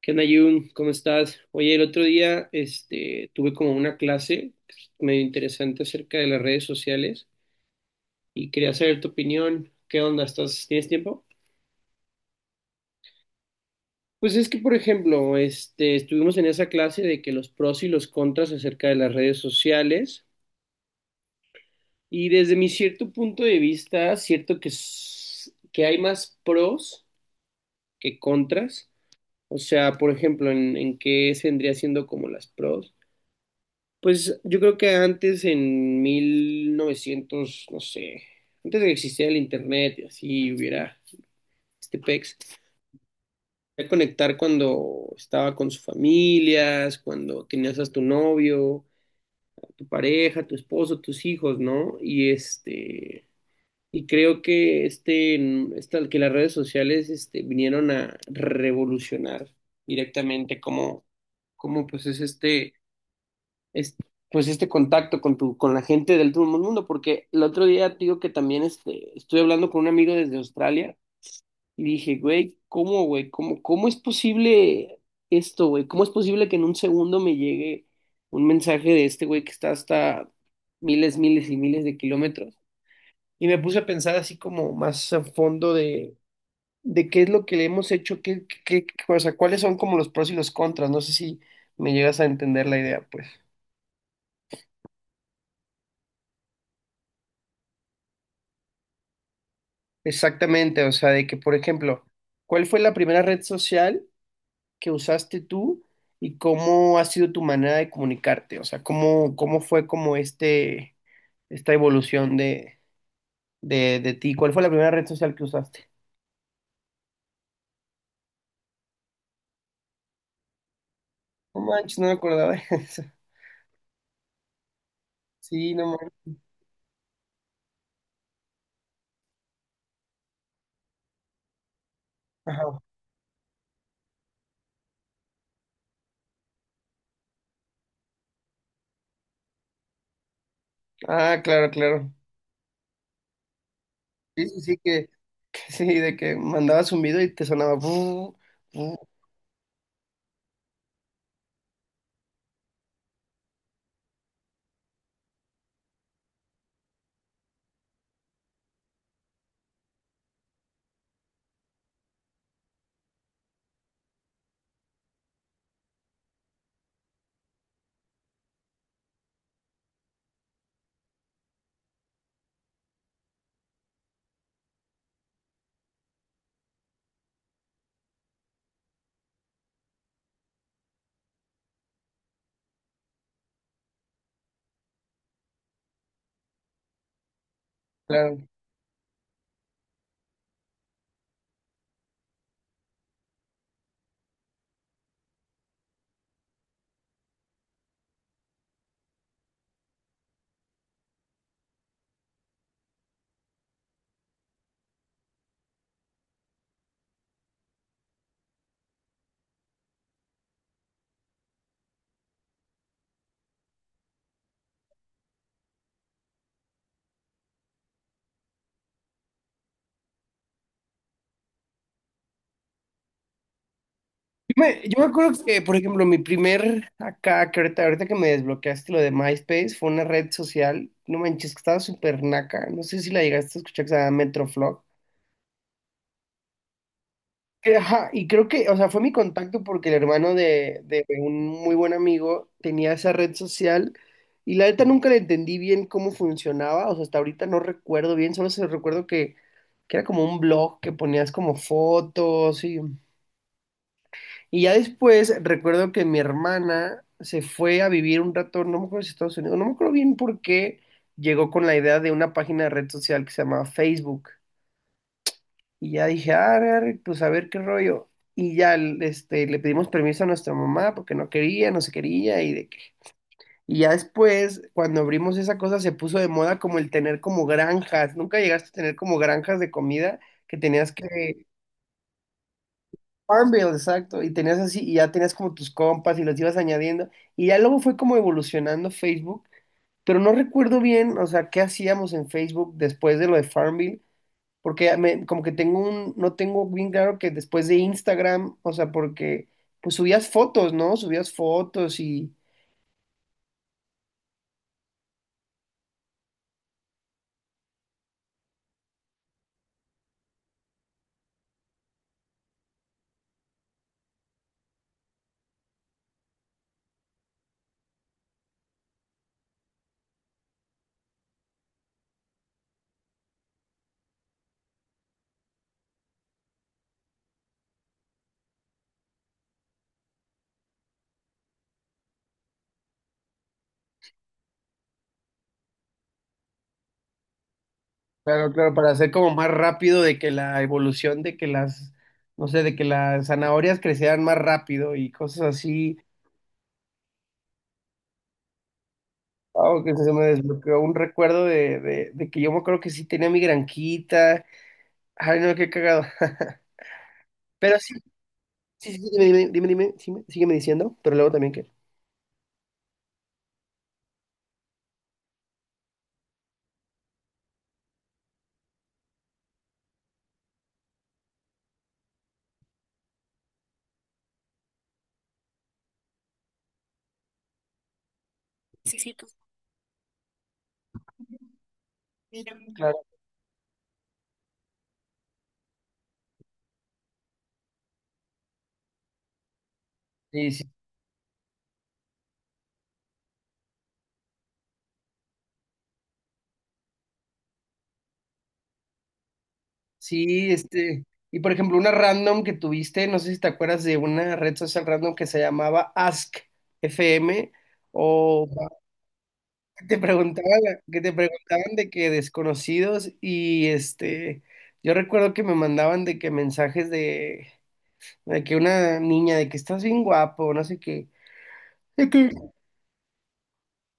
¿Qué onda, Jun? ¿Cómo estás? Oye, el otro día tuve como una clase pues, medio interesante acerca de las redes sociales y quería saber tu opinión. ¿Qué onda? ¿Estás, tienes tiempo? Pues es que, por ejemplo, estuvimos en esa clase de que los pros y los contras acerca de las redes sociales y desde mi cierto punto de vista, cierto que, que hay más pros que contras. O sea, por ejemplo, en qué vendría siendo como las pros. Pues yo creo que antes en 1900 no sé, antes de que existiera el internet y así hubiera este pex, podía conectar cuando estaba con sus familias, cuando tenías a tu novio, a tu pareja, a tu esposo, tus hijos, ¿no? Y creo que que las redes sociales vinieron a revolucionar directamente cómo pues es, pues este contacto con la gente del todo el mundo, porque el otro día te digo que también estuve hablando con un amigo desde Australia y dije, güey, ¿Cómo, cómo es posible esto, güey? ¿Cómo es posible que en un segundo me llegue un mensaje de este güey que está hasta miles, miles y miles de kilómetros? Y me puse a pensar así como más a fondo de qué es lo que le hemos hecho, o sea, cuáles son como los pros y los contras. No sé si me llegas a entender la idea, pues. Exactamente, o sea, de que, por ejemplo, ¿cuál fue la primera red social que usaste tú y cómo ha sido tu manera de comunicarte? O sea, ¿cómo fue como esta evolución de ti? ¿Cuál fue la primera red social que usaste? No manches, no me acordaba de eso. Sí, no manches. Ajá. Ah, claro, claro. Sí, sí, sí, que, que sí, de que mandabas un video y te sonaba. "Bu, bu", claro. Yo me acuerdo que, por ejemplo, mi primer acá, que ahorita que me desbloqueaste lo de MySpace, fue una red social, no manches, que estaba súper naca, no sé si la llegaste a escuchar, que se llama Metroflog. Que, ajá, y creo que, o sea, fue mi contacto porque el hermano de un muy buen amigo tenía esa red social y la neta nunca le entendí bien cómo funcionaba, o sea, hasta ahorita no recuerdo bien, solo se recuerdo que era como un blog que ponías como fotos y... Y ya después recuerdo que mi hermana se fue a vivir un rato, no me acuerdo si Estados Unidos, no me acuerdo bien por qué llegó con la idea de una página de red social que se llamaba Facebook. Y ya dije, ah, pues a ver qué rollo. Y ya le pedimos permiso a nuestra mamá porque no quería, no se quería. Y, y ya después, cuando abrimos esa cosa, se puso de moda como el tener como granjas. Nunca llegaste a tener como granjas de comida que tenías que Farmville, exacto, y tenías así, y ya tenías como tus compas y los ibas añadiendo, y ya luego fue como evolucionando Facebook, pero no recuerdo bien, o sea, qué hacíamos en Facebook después de lo de Farmville, porque como que tengo un, no tengo bien claro que después de Instagram, o sea, porque pues subías fotos, ¿no? Claro, claro, para hacer como más rápido de que la evolución de que las, no sé, de que las zanahorias crecieran más rápido y cosas así. Wow, que se me desbloqueó un recuerdo de que yo me acuerdo que sí tenía mi granquita. Ay, no, qué cagado. Pero sí, sí, sí, dime, sí, sígueme diciendo, pero luego también que. Claro. Sí, sí, sí, este. Y por ejemplo, una random que tuviste, no sé si te acuerdas de una red social random que se llamaba Ask FM, o que te preguntaban, que te preguntaban de que desconocidos y este. Yo recuerdo que me mandaban de que mensajes de que una niña, de que estás bien guapo, no sé qué. De que,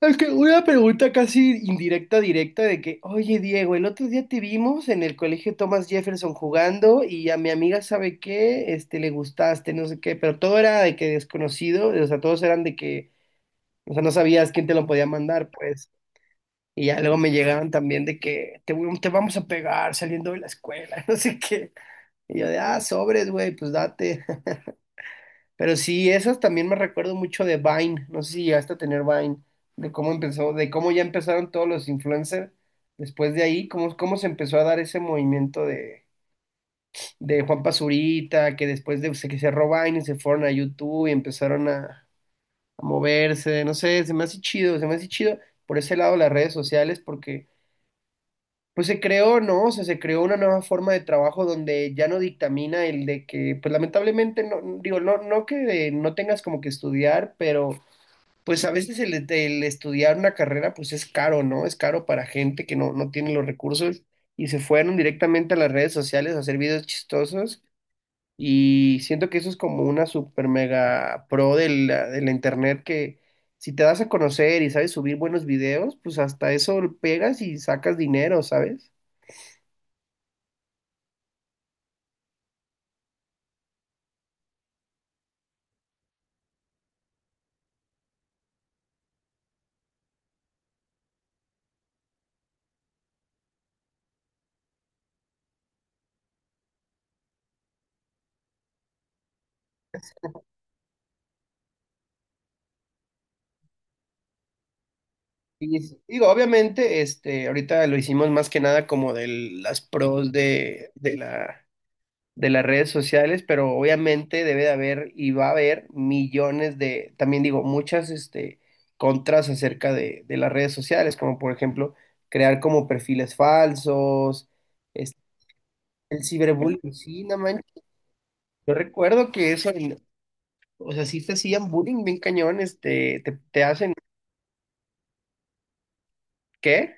es que una pregunta casi indirecta, directa, de que, oye, Diego, el otro día te vimos en el colegio Thomas Jefferson jugando y a mi amiga, ¿sabe qué? Este, le gustaste, no sé qué, pero todo era de que desconocido, o sea, todos eran de que, o sea, no sabías quién te lo podía mandar, pues. Y ya luego me llegaban también te vamos a pegar saliendo de la escuela, no sé qué. Y yo de, ah, sobres, güey, pues date. Pero sí, esas también me recuerdo mucho de Vine, no sé si llegaste a tener Vine, de cómo empezó, de cómo ya empezaron todos los influencers después de ahí, cómo se empezó a dar ese movimiento de Juan Pazurita, que que cerró Vine y se fueron a YouTube y empezaron a moverse, no sé, se me hace chido por ese lado las redes sociales, porque pues se creó, ¿no? O sea, se creó una nueva forma de trabajo donde ya no dictamina el de que, pues lamentablemente, no, digo, no que no tengas como que estudiar, pero pues a veces el estudiar una carrera pues es caro, ¿no? Es caro para gente que no tiene los recursos y se fueron directamente a las redes sociales a hacer videos chistosos y siento que eso es como una super mega pro de la internet que si te das a conocer y sabes subir buenos videos, pues hasta eso pegas y sacas dinero, ¿sabes? Y digo, obviamente, ahorita lo hicimos más que nada como de las pros de las redes sociales, pero obviamente debe de haber y va a haber millones de, también digo, muchas este, contras acerca de las redes sociales, como por ejemplo crear como perfiles falsos, este, el ciberbullying, sí, no manches. Yo recuerdo que eso, en- o sea, sí te hacían bullying bien cañón, este, te hacen, ¿qué?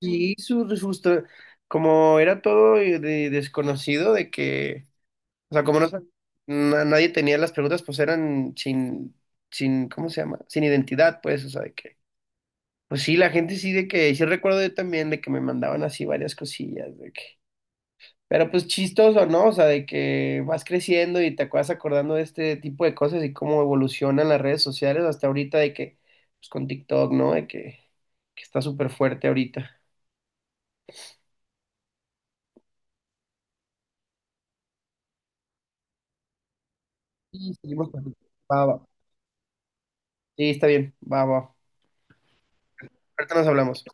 Sí, su, justo, como era todo desconocido de que o sea, como no, nadie tenía las preguntas, pues eran sin, sin, ¿cómo se llama? Sin identidad, pues, o sea, de que, pues sí, la gente sí de que, sí recuerdo yo también de que me mandaban así varias cosillas, de que, pero pues chistoso, ¿no? O sea, de que vas creciendo y te acuerdas acordando de este tipo de cosas y cómo evolucionan las redes sociales hasta ahorita de que, pues con TikTok, ¿no? De que está súper fuerte ahorita. Y seguimos con... Va, va. Sí, está bien, va, va. Ahorita nos hablamos.